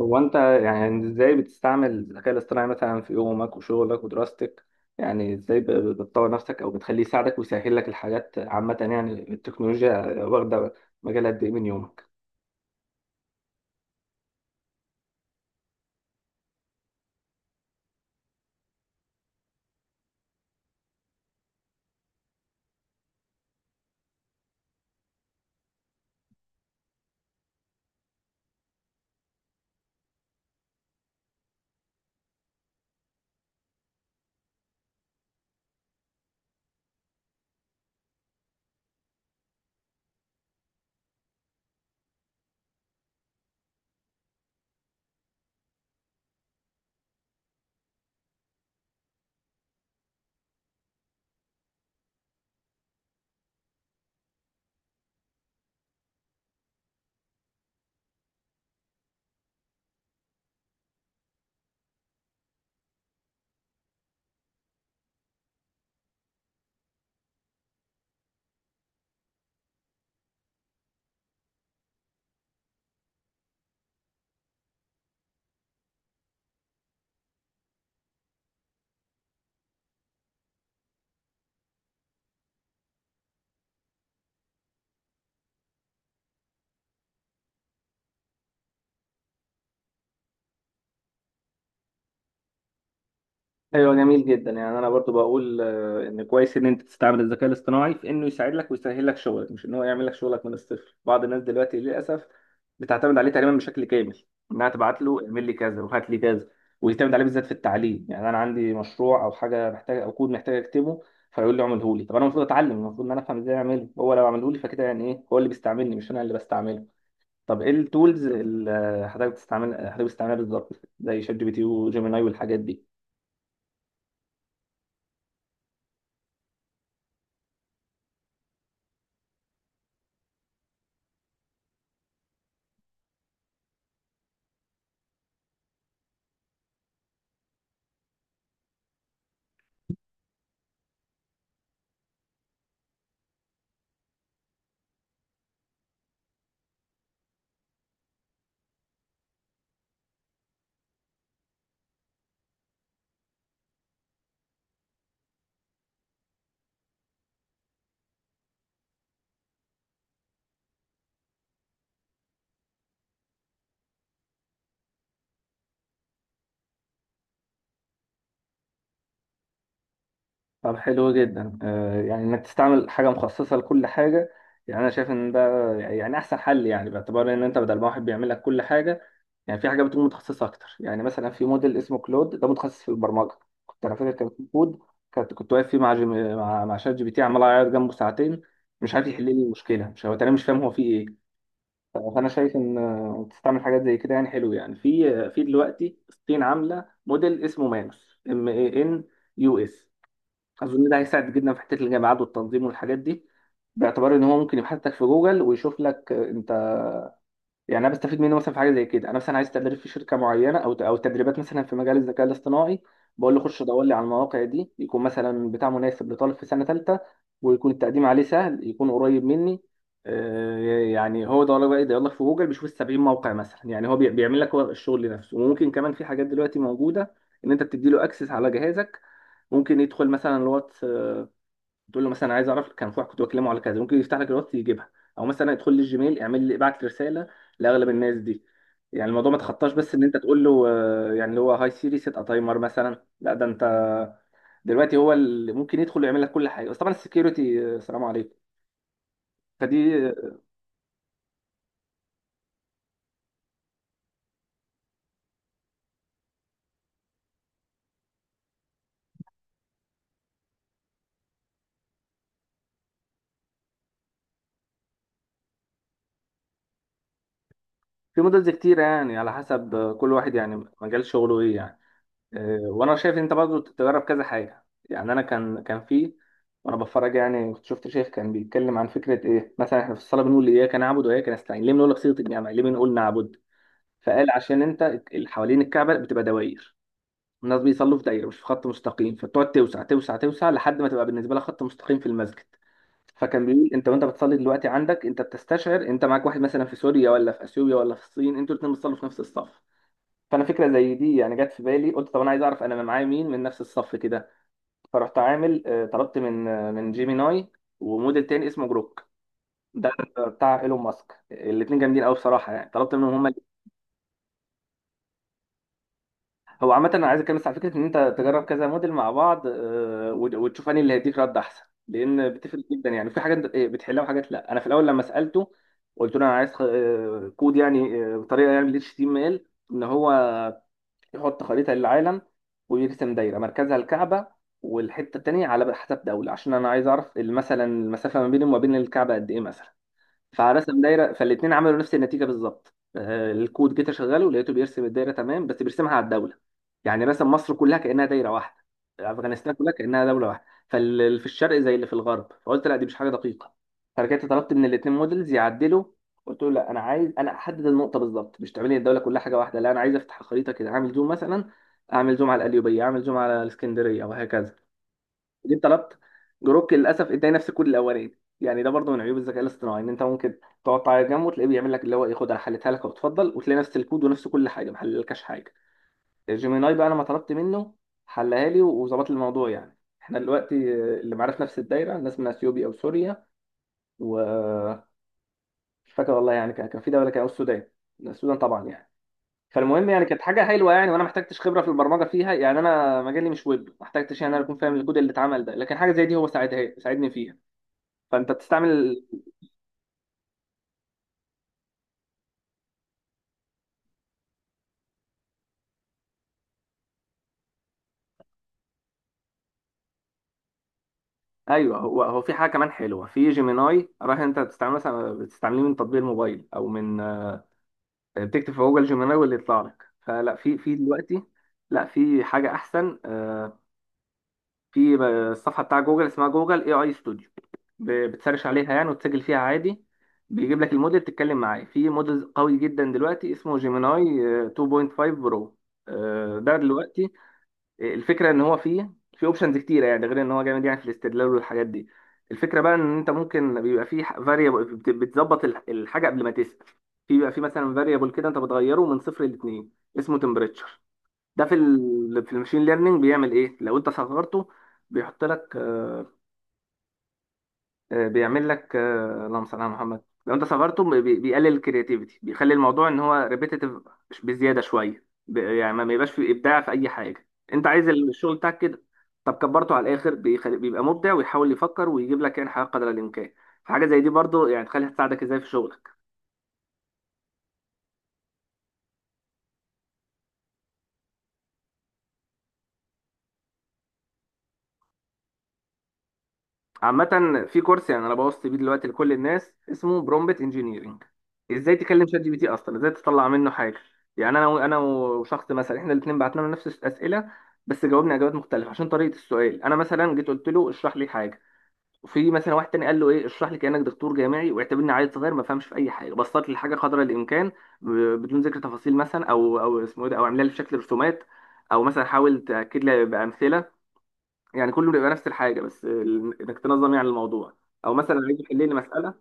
هو انت؟ يعني ازاي بتستعمل الذكاء الاصطناعي مثلا في يومك وشغلك ودراستك؟ يعني ازاي بتطور نفسك او بتخليه يساعدك ويسهل لك الحاجات، عامة يعني التكنولوجيا واخدة مجال قد ايه من يومك؟ ايوه، جميل جدا. يعني انا برضو بقول ان كويس ان انت تستعمل الذكاء الاصطناعي في انه يساعد لك ويسهل لك شغلك، مش ان هو يعمل لك شغلك من الصفر. بعض الناس دلوقتي للاسف بتعتمد عليه تقريبا بشكل كامل، انها تبعت له اعمل لي كذا وهات لي كذا، ويعتمد عليه بالذات في التعليم. يعني انا عندي مشروع او حاجه محتاج او كود محتاج اكتبه، فيقول لي اعمله لي. طب انا المفروض اتعلم، المفروض ان انا افهم ازاي اعمله، هو لو عمله لي فكده يعني ايه؟ هو اللي بيستعملني، مش انا اللي بستعمله. طب ايه التولز اللي حضرتك بتستعملها بالظبط؟ زي شات جي بي تي وجيميناي والحاجات دي. طب حلو جدا، يعني انك تستعمل حاجه مخصصه لكل حاجه. يعني انا شايف ان ده يعني احسن حل، يعني باعتبار ان انت بدل ما واحد بيعمل لك كل حاجه، يعني في حاجه بتكون متخصصه اكتر. يعني مثلا في موديل اسمه كلود، ده متخصص في البرمجه. كنت انا فاكر كان في كود كنت واقف فيه مع مع شات جي بي تي عمال اعيط جنبه ساعتين، مش عارف يحل لي المشكله، مش هو، انا مش فاهم هو فيه ايه. فانا شايف ان تستعمل حاجات زي كده يعني حلو. يعني في دلوقتي الصين عامله موديل اسمه مانوس ام اي ان يو اس. اظن ده هيساعد جدا في حته الجامعات والتنظيم والحاجات دي، باعتبار ان هو ممكن يبحث لك في جوجل ويشوف لك. انت يعني انا بستفيد منه مثلا في حاجه زي كده. انا مثلا عايز تدريب في شركه معينه، او تدريبات مثلا في مجال الذكاء الاصطناعي، بقول له خش دور لي على المواقع دي، يكون مثلا بتاع مناسب لطالب في سنه ثالثه، ويكون التقديم عليه سهل، يكون قريب مني. آه، يعني هو ده بقى يدور لك في جوجل، بيشوف ال 70 موقع مثلا. يعني هو بيعمل لك هو الشغل نفسه. وممكن كمان في حاجات دلوقتي موجوده ان انت بتدي له اكسس على جهازك، ممكن يدخل مثلا الواتس، تقول له مثلا عايز اعرف كان في واحد كنت بكلمه على كذا، ممكن يفتح لك الوقت يجيبها، او مثلا ادخل لي الجيميل اعمل لي ابعت لي رساله لاغلب الناس دي. يعني الموضوع ما تخطاش بس ان انت تقول له يعني اللي هو هاي سيري سيت ا تايمر مثلا، لا ده انت دلوقتي هو اللي ممكن يدخل ويعمل لك كل حاجه، بس طبعا السكيورتي سلام عليكم. فدي في مودلز كتيره، يعني على حسب كل واحد يعني مجال شغله ايه. يعني وانا شايف انت برضو تجرب كذا حاجه. يعني انا كان في وانا بتفرج يعني كنت شفت شيخ كان بيتكلم عن فكره ايه، مثلا احنا في الصلاه بنقول اياك نعبد واياك نستعين، ليه بنقول بصيغه الجمع، ليه بنقول نعبد؟ فقال عشان انت اللي حوالين الكعبه بتبقى دواير، الناس بيصلوا في دايره مش في خط مستقيم، فبتقعد توسع توسع توسع لحد ما تبقى بالنسبه لها خط مستقيم في المسجد. فكان بيقول انت وانت بتصلي دلوقتي عندك، انت بتستشعر انت معاك واحد مثلا في سوريا ولا في اثيوبيا ولا في الصين، انتوا الاثنين بتصلوا في نفس الصف. فانا فكره زي دي يعني جت في بالي، قلت طب انا عايز اعرف انا معايا مين من نفس الصف كده. فرحت عامل طلبت من من جيميناي وموديل تاني اسمه جروك، ده بتاع ايلون ماسك. الاثنين جامدين قوي بصراحه، يعني طلبت منهم هما الاتنين. هو عامه انا عايز اتكلم بس على فكره ان انت تجرب كذا موديل مع بعض، وتشوف انهي اللي هيديك رد احسن، لان بتفرق جدا. يعني في حاجات بتحلها وحاجات لا. انا في الاول لما سالته قلت له انا عايز كود يعني بطريقه يعني اتش تي ام ال HTML، ان هو يحط خريطة للعالم ويرسم دايرة مركزها الكعبة، والحتة التانية على حسب دولة، عشان أنا عايز أعرف مثلا المسافة ما بيني وما بين الكعبة قد إيه مثلا. فرسم دايره، فالاثنين عملوا نفس النتيجه بالظبط. الكود جيت اشغله لقيته بيرسم الدايره تمام، بس بيرسمها على الدوله. يعني رسم مصر كلها كانها دايره واحده، افغانستان كلها كانها دوله واحده، فاللي في الشرق زي اللي في الغرب. فقلت لا دي مش حاجه دقيقه. فرجعت طلبت من الاثنين موديلز يعدلوا، قلت له لا انا عايز انا احدد النقطه بالظبط، مش تعملي الدوله كلها حاجه واحده، لا انا عايز افتح الخريطه كده اعمل زوم مثلا، اعمل زوم على القليوبيه، اعمل زوم على الاسكندريه وهكذا. جيت طلبت جروك، للاسف اداني نفس الكود الاولاني. يعني ده برضه من عيوب الذكاء الاصطناعي، ان انت ممكن تقعد تعيط جنبه وتلاقيه بيعمل لك اللي هو ايه خد انا حليتها لك، وتفضل وتلاقي نفس الكود ونفس كل حاجه، ما حللكش حاجه. جيميناي بقى انا ما طلبت منه حلها لي وظبط لي الموضوع، يعني احنا دلوقتي اللي معانا في نفس الدايره ناس من اثيوبيا او سوريا و مش فاكر والله. يعني كان في دوله كان أو السودان، السودان طبعا يعني. فالمهم يعني كانت حاجه حلوه، يعني وانا ما احتجتش خبره في البرمجه فيها، يعني انا مجالي مش ويب، ما احتجتش يعني انا اكون فاهم الكود اللي اتعمل ده، لكن حاجه زي دي هو ساعدني فيها. فانت بتستعمل ايوه. هو في حاجه كمان حلوه في جيميناي. رايح انت بتستعمل مثلا بتستعمليه من تطبيق الموبايل او من بتكتب في جوجل جيميناي واللي يطلع لك، فلا. في دلوقتي لا في حاجه احسن. في الصفحه بتاع جوجل اسمها جوجل اي اي ستوديو، بتسرش عليها يعني وتسجل فيها عادي، بيجيب لك الموديل تتكلم معاه. في موديل قوي جدا دلوقتي اسمه جيميناي 2.5 برو، ده دلوقتي. الفكره ان هو فيه اوبشنز كتيره يعني، غير ان هو جامد يعني في الاستدلال والحاجات دي. الفكره بقى ان انت ممكن بيبقى فيه فاريبل بتظبط الحاجه قبل ما تسال. في بيبقى فيه مثلا فاريبل كده انت بتغيره من صفر لاتنين اسمه تمبريتشر. ده في في الماشين ليرنينج بيعمل ايه لو انت صغرته، بيحط لك بيعمل لك اللهم صل على محمد، لو انت صبرته بيقلل الكرياتيفيتي، بيخلي الموضوع ان هو ريبيتيتيف بزياده شويه، يعني ما بيبقاش فيه ابداع في اي حاجه، انت عايز الشغل بتاعك كده. طب كبرته على الاخر، بيخلي بيبقى مبدع ويحاول يفكر ويجيب لك يعني حاجه قدر الامكان. فحاجه زي دي برضو يعني تخليها تساعدك ازاي في شغلك. عامة في كورس يعني انا بوصي بيه دلوقتي لكل الناس اسمه برومبت انجينيرنج، ازاي تكلم شات جي بي تي اصلا، ازاي تطلع منه حاجة. يعني انا وشخص مثلا احنا الاثنين بعتنا له نفس الاسئلة، بس جاوبنا اجابات مختلفة عشان طريقة السؤال. انا مثلا جيت قلت له اشرح لي حاجة، وفي مثلا واحد تاني قال له ايه اشرح لي كأنك دكتور جامعي واعتبرني عيل صغير ما فهمش في اي حاجة، بسط لي الحاجة قدر الامكان ب- بدون ذكر تفاصيل مثلا او اسمه ايه ده، او اعملها لي بشكل رسومات، او مثلا حاول تاكد لي بامثله. يعني كله بيبقى نفس الحاجه، بس انك تنظم يعني الموضوع، او مثلا عايز يحل لي مساله.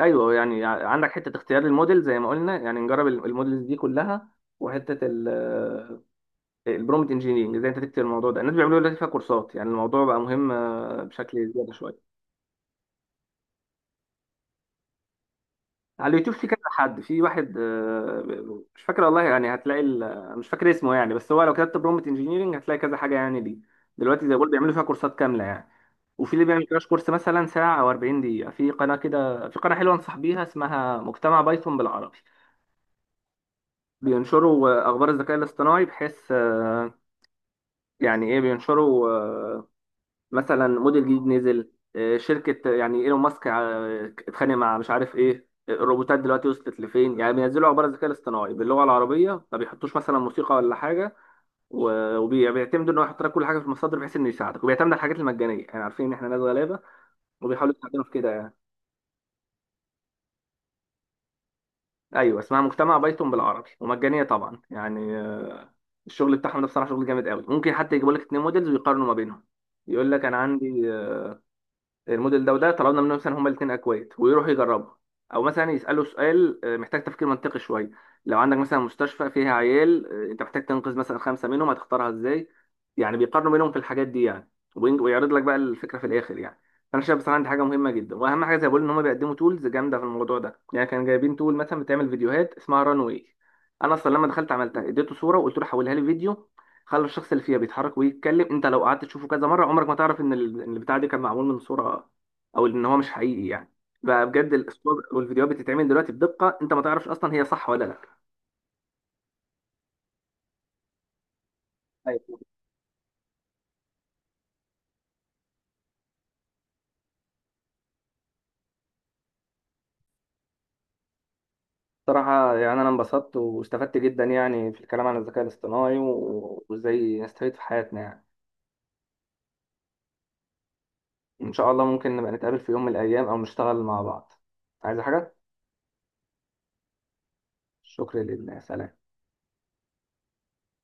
ايوه، يعني عندك حته اختيار الموديل زي ما قلنا، يعني نجرب الموديلز دي كلها، وحته البرومت انجينيرنج ازاي انت تكتب الموضوع ده. الناس بيعملوا دلوقتي فيها كورسات، يعني الموضوع بقى مهم بشكل زياده شويه. على اليوتيوب في كذا حد، في واحد مش فاكر والله يعني، هتلاقي مش فاكر اسمه يعني، بس هو لو كتبت برومت انجينيرنج هتلاقي كذا حاجه يعني دي. دلوقتي زي ما بقول بيعملوا فيها كورسات كامله يعني. وفي اللي بيعمل كراش كورس مثلا ساعة أو 40 دقيقة. في قناة كده، في قناة حلوة أنصح بيها اسمها مجتمع بايثون بالعربي. بينشروا أخبار الذكاء الاصطناعي، بحيث يعني إيه بينشروا مثلا موديل جديد نزل، شركة يعني إيلون ماسك اتخانق مع مش عارف إيه، الروبوتات دلوقتي وصلت لفين. يعني بينزلوا أخبار الذكاء الاصطناعي باللغة العربية، ما بيحطوش مثلا موسيقى ولا حاجة، وبيعتمدوا إن هو يحط لك كل حاجة في المصادر بحيث إنه يساعدك، وبيعتمد على الحاجات المجانية، يعني عارفين إن إحنا ناس غلابة وبيحاولوا يساعدونا في كده يعني. ايوه اسمها مجتمع بايثون بالعربي ومجانيه طبعا. يعني الشغل بتاعهم ده بصراحه شغل جامد قوي، ممكن حتى يجيبوا لك 2 موديلز ويقارنوا ما بينهم. يقول لك انا عندي الموديل ده وده، طلبنا منهم مثلا هما الاثنين اكواد ويروحوا يجربوا، او مثلا يسالوا سؤال محتاج تفكير منطقي شويه، لو عندك مثلا مستشفى فيها عيال انت محتاج تنقذ مثلا 5 منهم هتختارها ازاي. يعني بيقارنوا بينهم في الحاجات دي، يعني ويعرض لك بقى الفكره في الاخر. يعني فانا شايف بصراحه دي حاجه مهمه جدا، واهم حاجه زي ما بقول ان هم بيقدموا تولز جامده في الموضوع ده. يعني كانوا جايبين تول مثلا بتعمل فيديوهات اسمها ران واي، انا اصلا لما دخلت عملتها اديته صوره وقلت له حولها لي فيديو، خلى الشخص اللي فيها بيتحرك ويتكلم. انت لو قعدت تشوفه كذا مره عمرك ما تعرف ان إن البتاع دي كان معمول من صوره، او ان هو مش حقيقي يعني. بقى بجد الصور والفيديوهات بتتعمل دلوقتي بدقه انت ما تعرفش اصلا هي صح ولا لا. أيوة. بصراحة يعني أنا انبسطت واستفدت جدا يعني في الكلام عن الذكاء الاصطناعي وإزاي نستفيد في حياتنا. يعني إن شاء الله ممكن نبقى نتقابل في يوم من الأيام أو نشتغل مع بعض. عايز حاجة؟ شكرا لله، سلام.